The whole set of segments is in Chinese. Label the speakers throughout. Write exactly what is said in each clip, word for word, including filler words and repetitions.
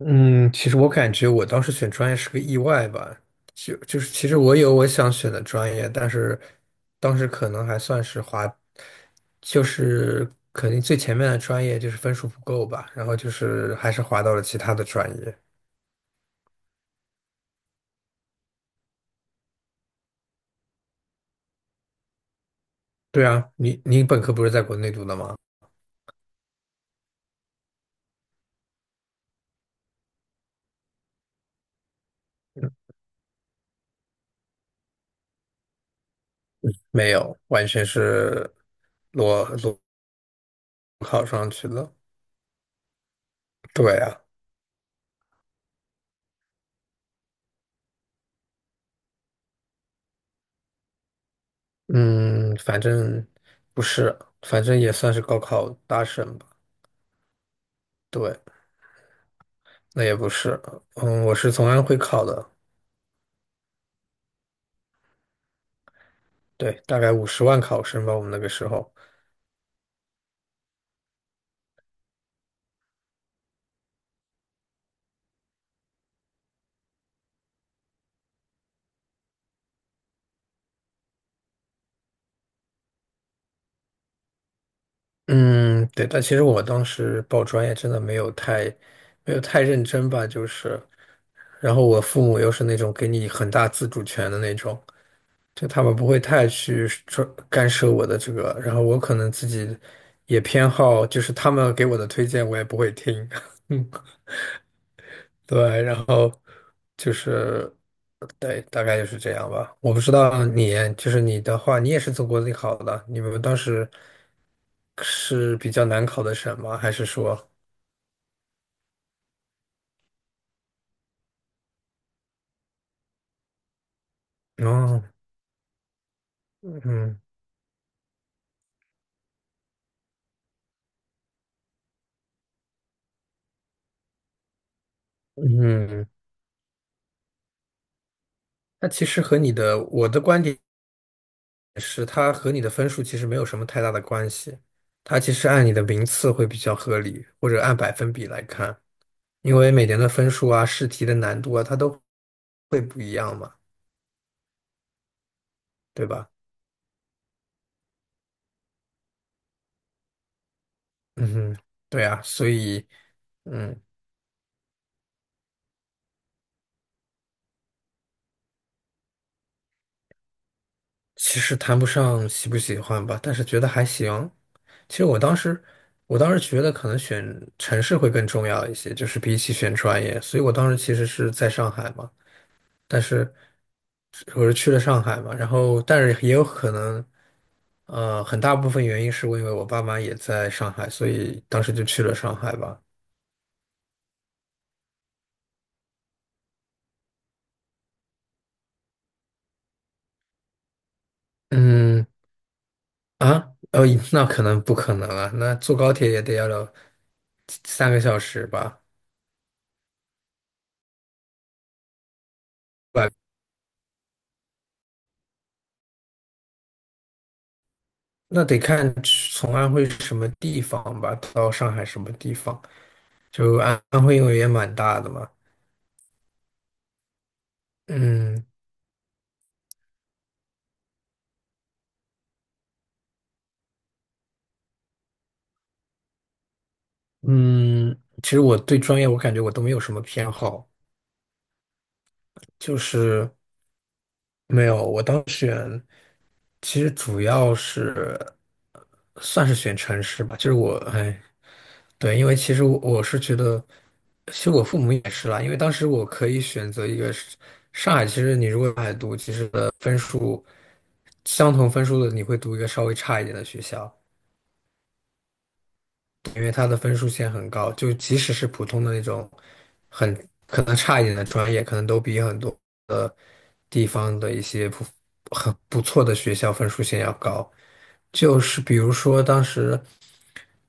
Speaker 1: 嗯，其实我感觉我当时选专业是个意外吧，就就是其实我有我想选的专业，但是当时可能还算是滑，就是肯定最前面的专业就是分数不够吧，然后就是还是滑到了其他的专业。对啊，你你本科不是在国内读的吗？嗯没有，完全是裸裸考上去了。对啊，嗯，反正不是，反正也算是高考大省吧。对。那也不是，嗯，我是从安徽考的，对，大概五十万考生吧，我们那个时候，嗯，对，但其实我当时报专业真的没有太，没有太认真吧，就是，然后我父母又是那种给你很大自主权的那种，就他们不会太去说干涉我的这个，然后我可能自己也偏好，就是他们给我的推荐我也不会听，对，然后就是，对，大概就是这样吧。我不知道你，就是你的话，你也是从国内考的，你们当时是比较难考的省吗？还是说，哦，嗯嗯，那其实和你的，我的观点是，它和你的分数其实没有什么太大的关系，它其实按你的名次会比较合理，或者按百分比来看，因为每年的分数啊、试题的难度啊，它都会不一样嘛，对吧？嗯哼，对啊，所以，嗯，其实谈不上喜不喜欢吧，但是觉得还行。其实我当时，我当时觉得可能选城市会更重要一些，就是比起选专业。所以我当时其实是在上海嘛，但是我是去了上海嘛，然后但是也有可能，呃，很大部分原因是因为我爸妈也在上海，所以当时就去了上海吧。嗯啊，哦，那可能不可能啊，那坐高铁也得要了三个小时吧。那得看从安徽什么地方吧，到上海什么地方。就安安徽，因为也蛮大的嘛。嗯嗯，其实我对专业，我感觉我都没有什么偏好，就是没有。我当其实主要是算是选城市吧，就是我哎，对，因为其实我我是觉得，其实我父母也是啦，因为当时我可以选择一个是上海，其实你如果上读，其实的分数相同分数的你会读一个稍微差一点的学校，因为它的分数线很高，就即使是普通的那种很可能差一点的专业，可能都比很多的地方的一些不很不错的学校分数线要高。就是比如说当时，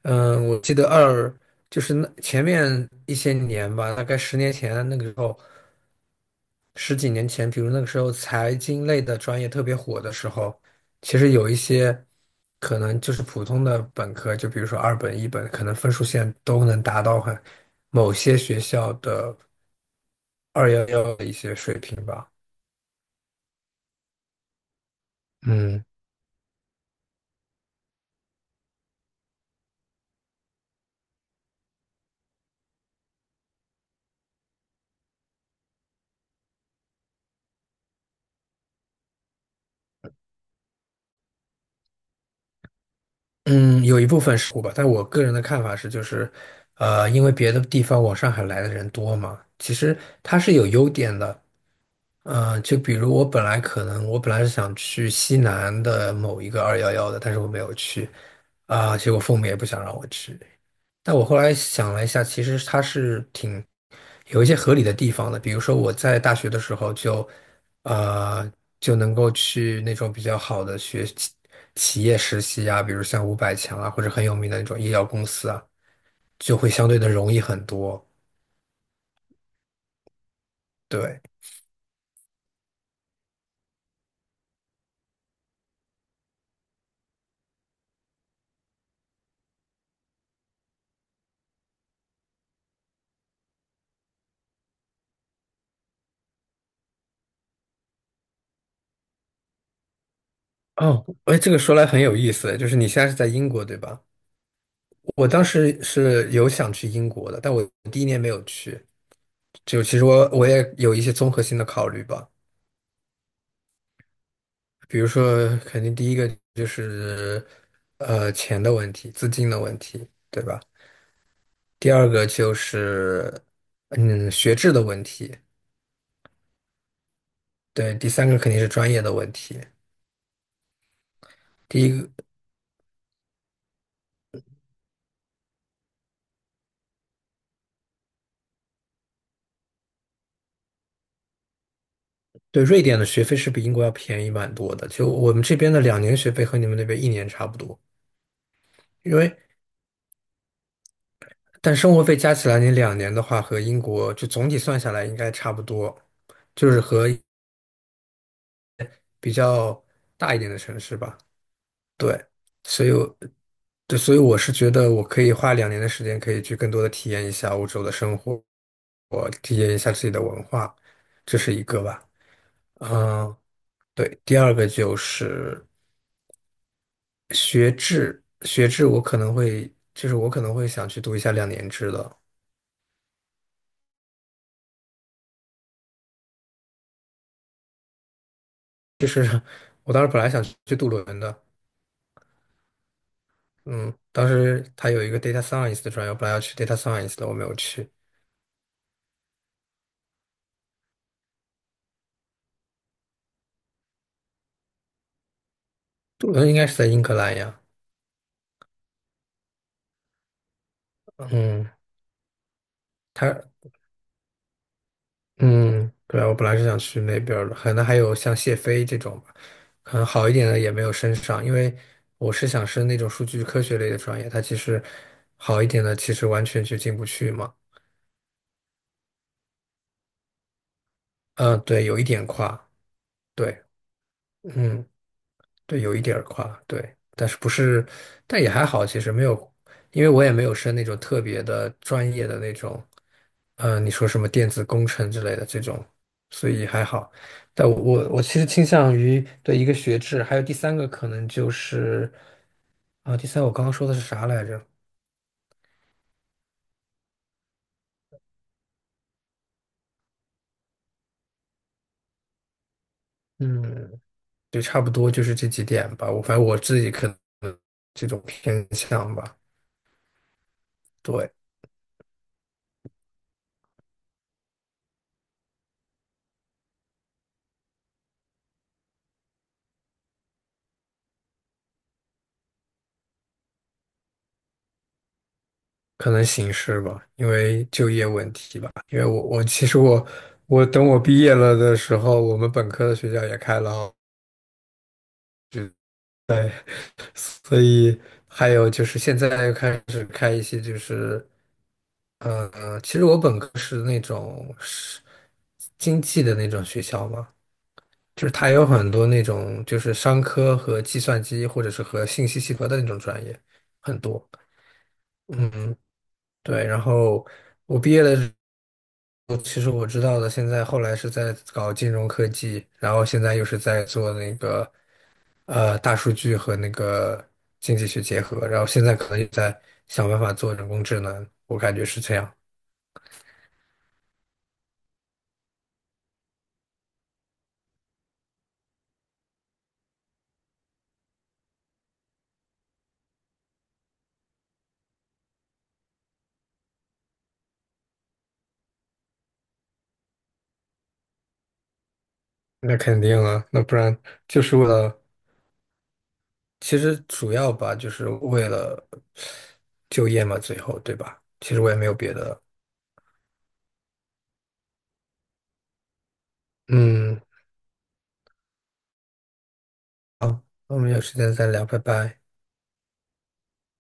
Speaker 1: 嗯，我记得二就是那前面一些年吧，大概十年前那个时候。十几年前，比如那个时候财经类的专业特别火的时候，其实有一些可能就是普通的本科，就比如说二本、一本，可能分数线都能达到很某些学校的二幺幺的一些水平吧。嗯嗯，有一部分是吧，但我个人的看法是，就是呃，因为别的地方往上海来的人多嘛，其实它是有优点的。嗯，呃就比如我本来可能我本来是想去西南的某一个二幺幺的，但是我没有去啊，结果父母也不想让我去。但我后来想了一下，其实它是挺有一些合理的地方的，比如说我在大学的时候就呃就能够去那种比较好的学企企业实习啊，比如像五百强啊，或者很有名的那种医药公司啊，就会相对的容易很多。对，哦，哎，这个说来很有意思，就是你现在是在英国，对吧？我当时是有想去英国的，但我第一年没有去。就其实我我也有一些综合性的考虑吧，比如说，肯定第一个就是呃钱的问题，资金的问题，对吧？第二个就是嗯学制的问题，对，第三个肯定是专业的问题。第一个，对，瑞典的学费是比英国要便宜蛮多的，就我们这边的两年学费和你们那边一年差不多。因为。但生活费加起来，你两年的话和英国就总体算下来应该差不多，就是和比较大一点的城市吧。对，所以我，对，所以我是觉得我可以花两年的时间，可以去更多的体验一下欧洲的生活，我体验一下自己的文化，这是一个吧。嗯，对，第二个就是学制，学制我可能会，就是我可能会想去读一下两年制的。就是 我当时本来想去读轮的，嗯，当时他有一个 data science 的专业，我本来要去 data science 的，我没有去。杜伦应该是在英格兰呀。嗯，他嗯，对啊，我本来是想去那边儿的，可能还有像谢飞这种吧，可能好一点的也没有升上，因为我是想升那种数据科学类的专业，它其实好一点的其实完全就进不去嘛。嗯，对，有一点跨，对，嗯。对，有一点儿跨，对，但是不是，但也还好，其实没有，因为我也没有申那种特别的专业的那种，呃，你说什么电子工程之类的这种，所以还好。但我我我其实倾向于对一个学制，还有第三个可能就是啊，第三我刚刚说的是啥来着？嗯，对，差不多就是这几点吧。我反正我自己可能这种偏向吧，对。可能形势吧，因为就业问题吧。因为我我其实我我等我毕业了的时候，我们本科的学校也开了哦，对，所以还有就是现在又开始开一些就是嗯，其实我本科是那种是经济的那种学校嘛，就是它有很多那种就是商科和计算机或者是和信息系合的那种专业很多。嗯，对，然后。我毕业的。我其实我知道的，现在后来是在搞金融科技，然后现在又是在做那个呃大数据和那个经济学结合，然后现在可能也在想办法做人工智能，我感觉是这样。那肯定啊，那不然就是为了，其实主要吧，就是为了就业嘛，最后对吧？其实我也没有别的。嗯，好，那我们有时间再聊，拜拜。